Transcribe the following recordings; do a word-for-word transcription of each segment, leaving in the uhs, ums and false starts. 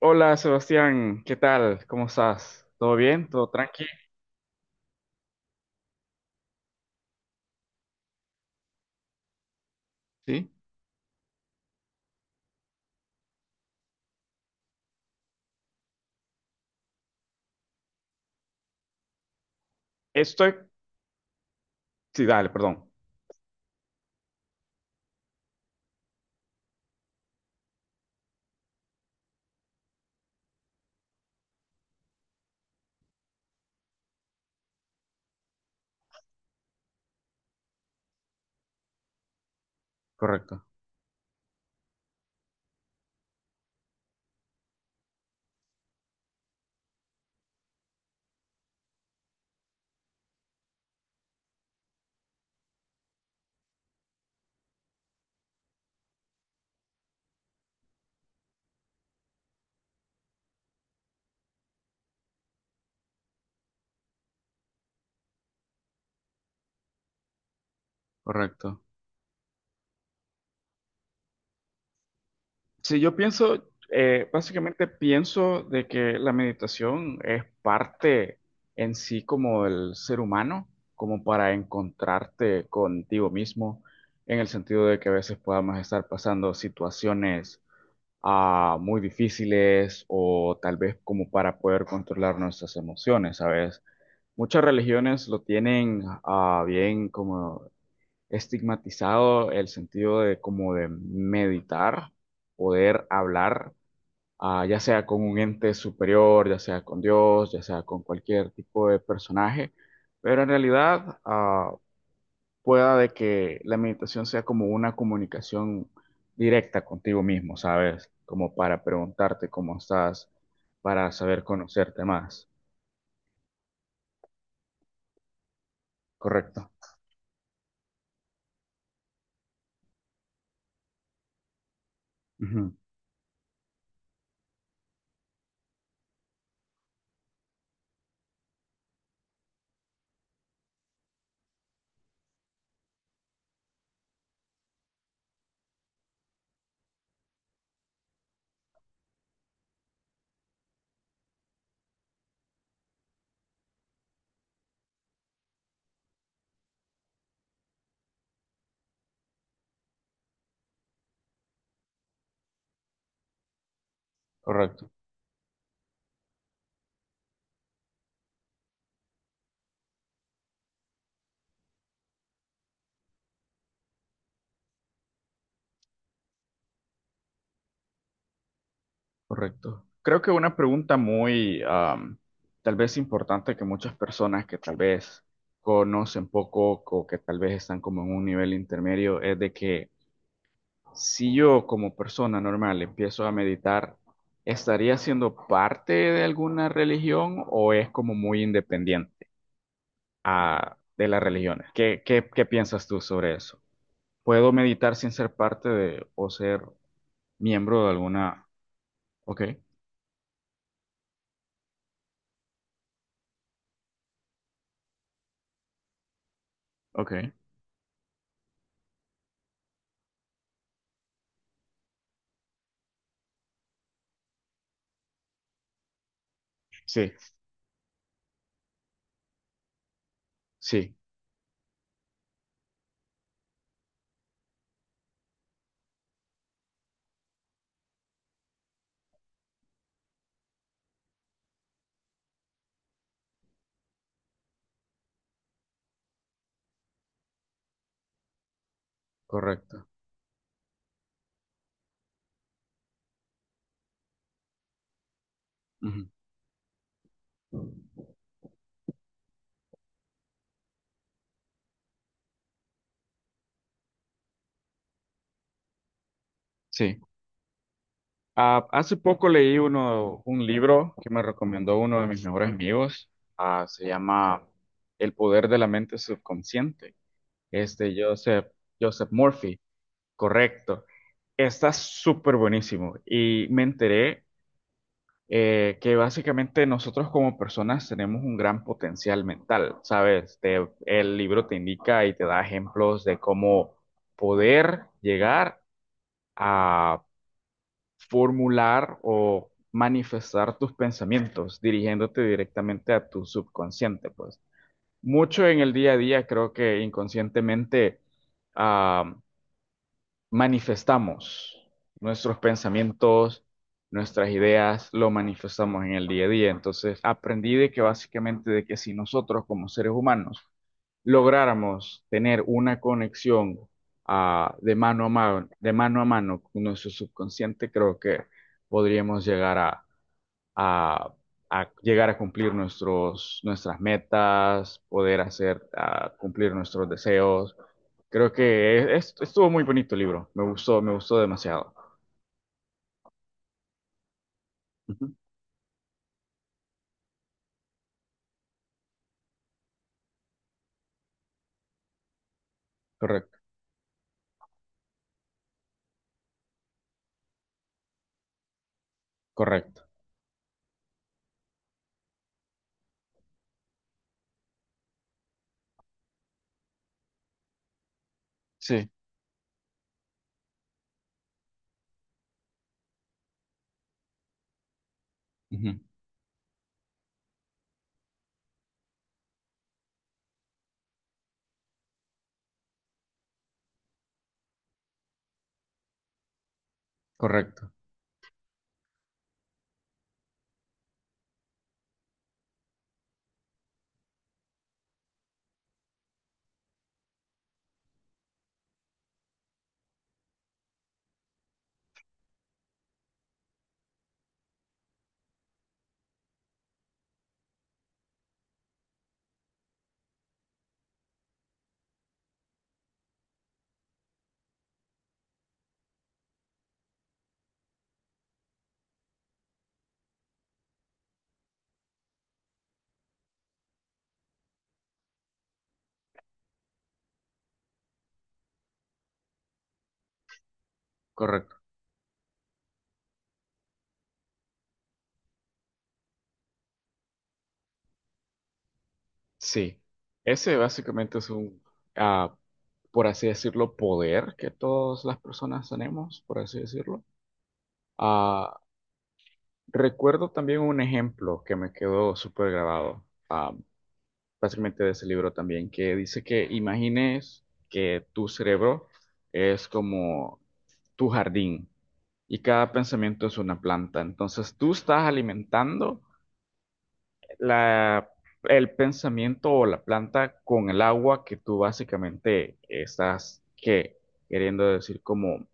Hola Sebastián, ¿qué tal? ¿Cómo estás? ¿Todo bien? ¿Todo tranqui? Sí. Estoy. Sí, dale, perdón. Correcto, correcto. Sí, yo pienso, eh, básicamente pienso de que la meditación es parte en sí como del ser humano, como para encontrarte contigo mismo, en el sentido de que a veces podamos estar pasando situaciones ah, muy difíciles o tal vez como para poder controlar nuestras emociones, ¿sabes? Muchas religiones lo tienen ah, bien como estigmatizado el sentido de como de meditar, poder hablar, ah, ya sea con un ente superior, ya sea con Dios, ya sea con cualquier tipo de personaje, pero en realidad ah, pueda de que la meditación sea como una comunicación directa contigo mismo, ¿sabes? Como para preguntarte cómo estás, para saber conocerte más, ¿correcto? Ujú. Correcto. Correcto. Creo que una pregunta muy, am, tal vez importante, que muchas personas que tal vez conocen poco o que tal vez están como en un nivel intermedio, es de que si yo como persona normal empiezo a meditar, ¿estaría siendo parte de alguna religión o es como muy independiente a- de las religiones? ¿Qué, qué, qué piensas tú sobre eso? ¿Puedo meditar sin ser parte de o ser miembro de alguna? Ok, ok, sí, sí. Correcto. Ujú. Sí. Ah, hace poco leí uno, un libro que me recomendó uno de mis mejores amigos. Ah, se llama El poder de la mente subconsciente. Es de Joseph, Joseph Murphy. Correcto. Está súper buenísimo. Y me enteré eh, que básicamente nosotros como personas tenemos un gran potencial mental, ¿sabes? Te- el libro te indica y te da ejemplos de cómo poder llegar, formular o manifestar tus pensamientos, dirigiéndote directamente a tu subconsciente, pues. Mucho en el día a día creo que inconscientemente ah, manifestamos nuestros pensamientos, nuestras ideas, lo manifestamos en el día a día. Entonces aprendí de que básicamente de que si nosotros como seres humanos lográramos tener una conexión ah, de mano a mano, de mano a mano con nuestro subconsciente, creo que podríamos llegar a, a- a llegar a cumplir nuestros, nuestras metas, poder hacer, ah, cumplir nuestros deseos. Creo que es- estuvo muy bonito el libro, me gustó, me gustó demasiado. Ujú. Correcto, correcto. Sí, ujú. Correcto, correcto. Sí, ese básicamente es un, ah, por así decirlo, poder que todas las personas tenemos, por así decirlo. Ah, Recuerdo también un ejemplo que me quedó súper grabado, ah, básicamente de ese libro también, que dice que imagines que tu cerebro es como tu jardín y cada pensamiento es una planta. Entonces tú estás alimentando la, el pensamiento o la planta con el agua que tú básicamente estás que queriendo decir como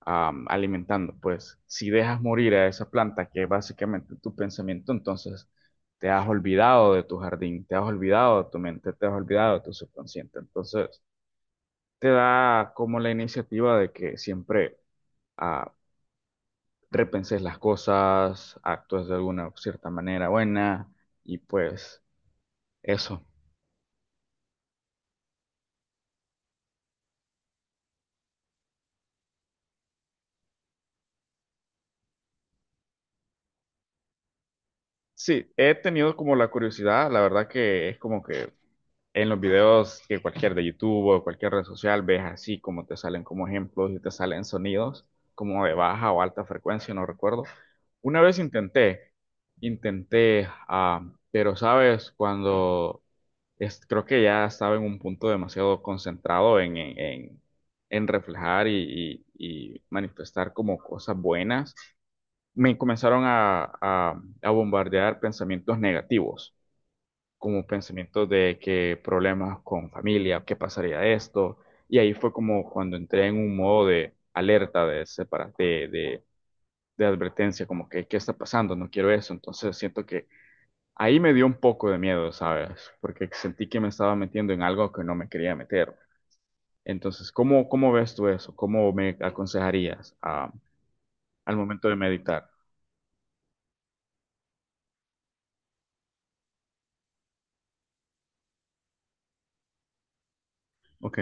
am, alimentando. Pues si dejas morir a esa planta que es básicamente tu pensamiento, entonces te has olvidado de tu jardín, te has olvidado de tu mente, te has olvidado de tu subconsciente. Entonces te da como la iniciativa de que siempre ah, repenses las cosas, actúes de alguna cierta manera buena y pues eso. Sí, he tenido como la curiosidad, la verdad que es como que en los videos que cualquier de YouTube o cualquier red social, ves así como te salen como ejemplos y te salen sonidos como de baja o alta frecuencia, no recuerdo. Una vez intenté, intenté, ah, pero sabes, cuando es, creo que ya estaba en un punto demasiado concentrado en, en, en- en reflejar y, y y manifestar como cosas buenas, me comenzaron a, a- a bombardear pensamientos negativos, como pensamientos de que problemas con familia, qué pasaría esto. Y ahí fue como cuando entré en un modo de alerta, de, separa- de, de, de advertencia, como que, ¿qué está pasando? No quiero eso. Entonces siento que ahí me dio un poco de miedo, ¿sabes? Porque sentí que me estaba metiendo en algo que no me quería meter. Entonces, ¿cómo, cómo ves tú eso? ¿Cómo me aconsejarías ah, al momento de meditar? Ok,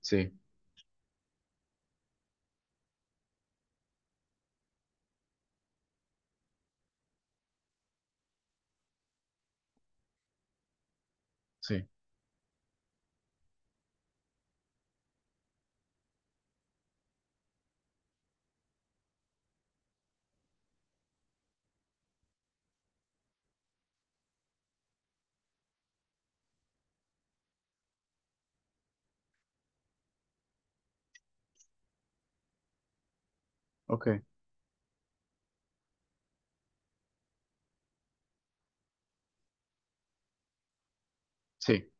sí, sí, ok. Sí,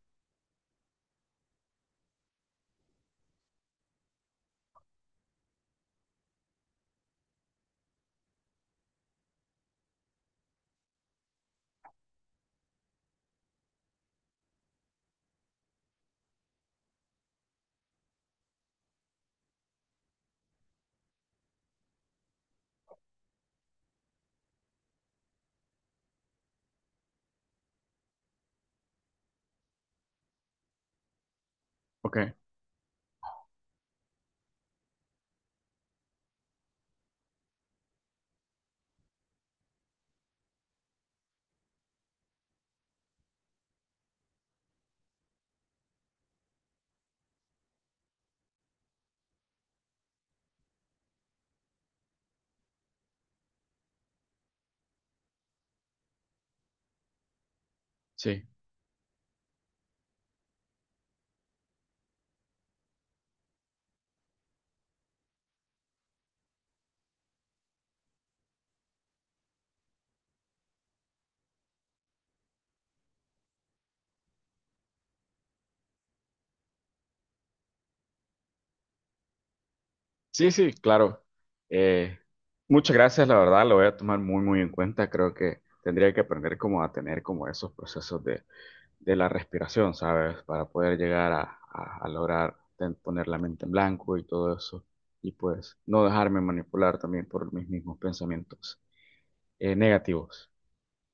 ok, sí. Sí, sí, claro. Eh, Muchas gracias, la verdad, lo voy a tomar muy, muy en cuenta. Creo que tendría que aprender como a tener como esos procesos de, de la respiración, ¿sabes? Para poder llegar a, a- a lograr ten- poner la mente en blanco y todo eso. Y pues no dejarme manipular también por mis mismos pensamientos eh, negativos.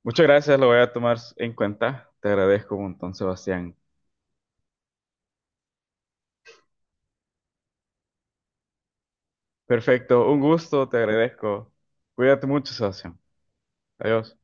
Muchas gracias, lo voy a tomar en cuenta. Te agradezco un montón, Sebastián. Perfecto, un gusto, te agradezco. Cuídate mucho, Sebastián. Adiós.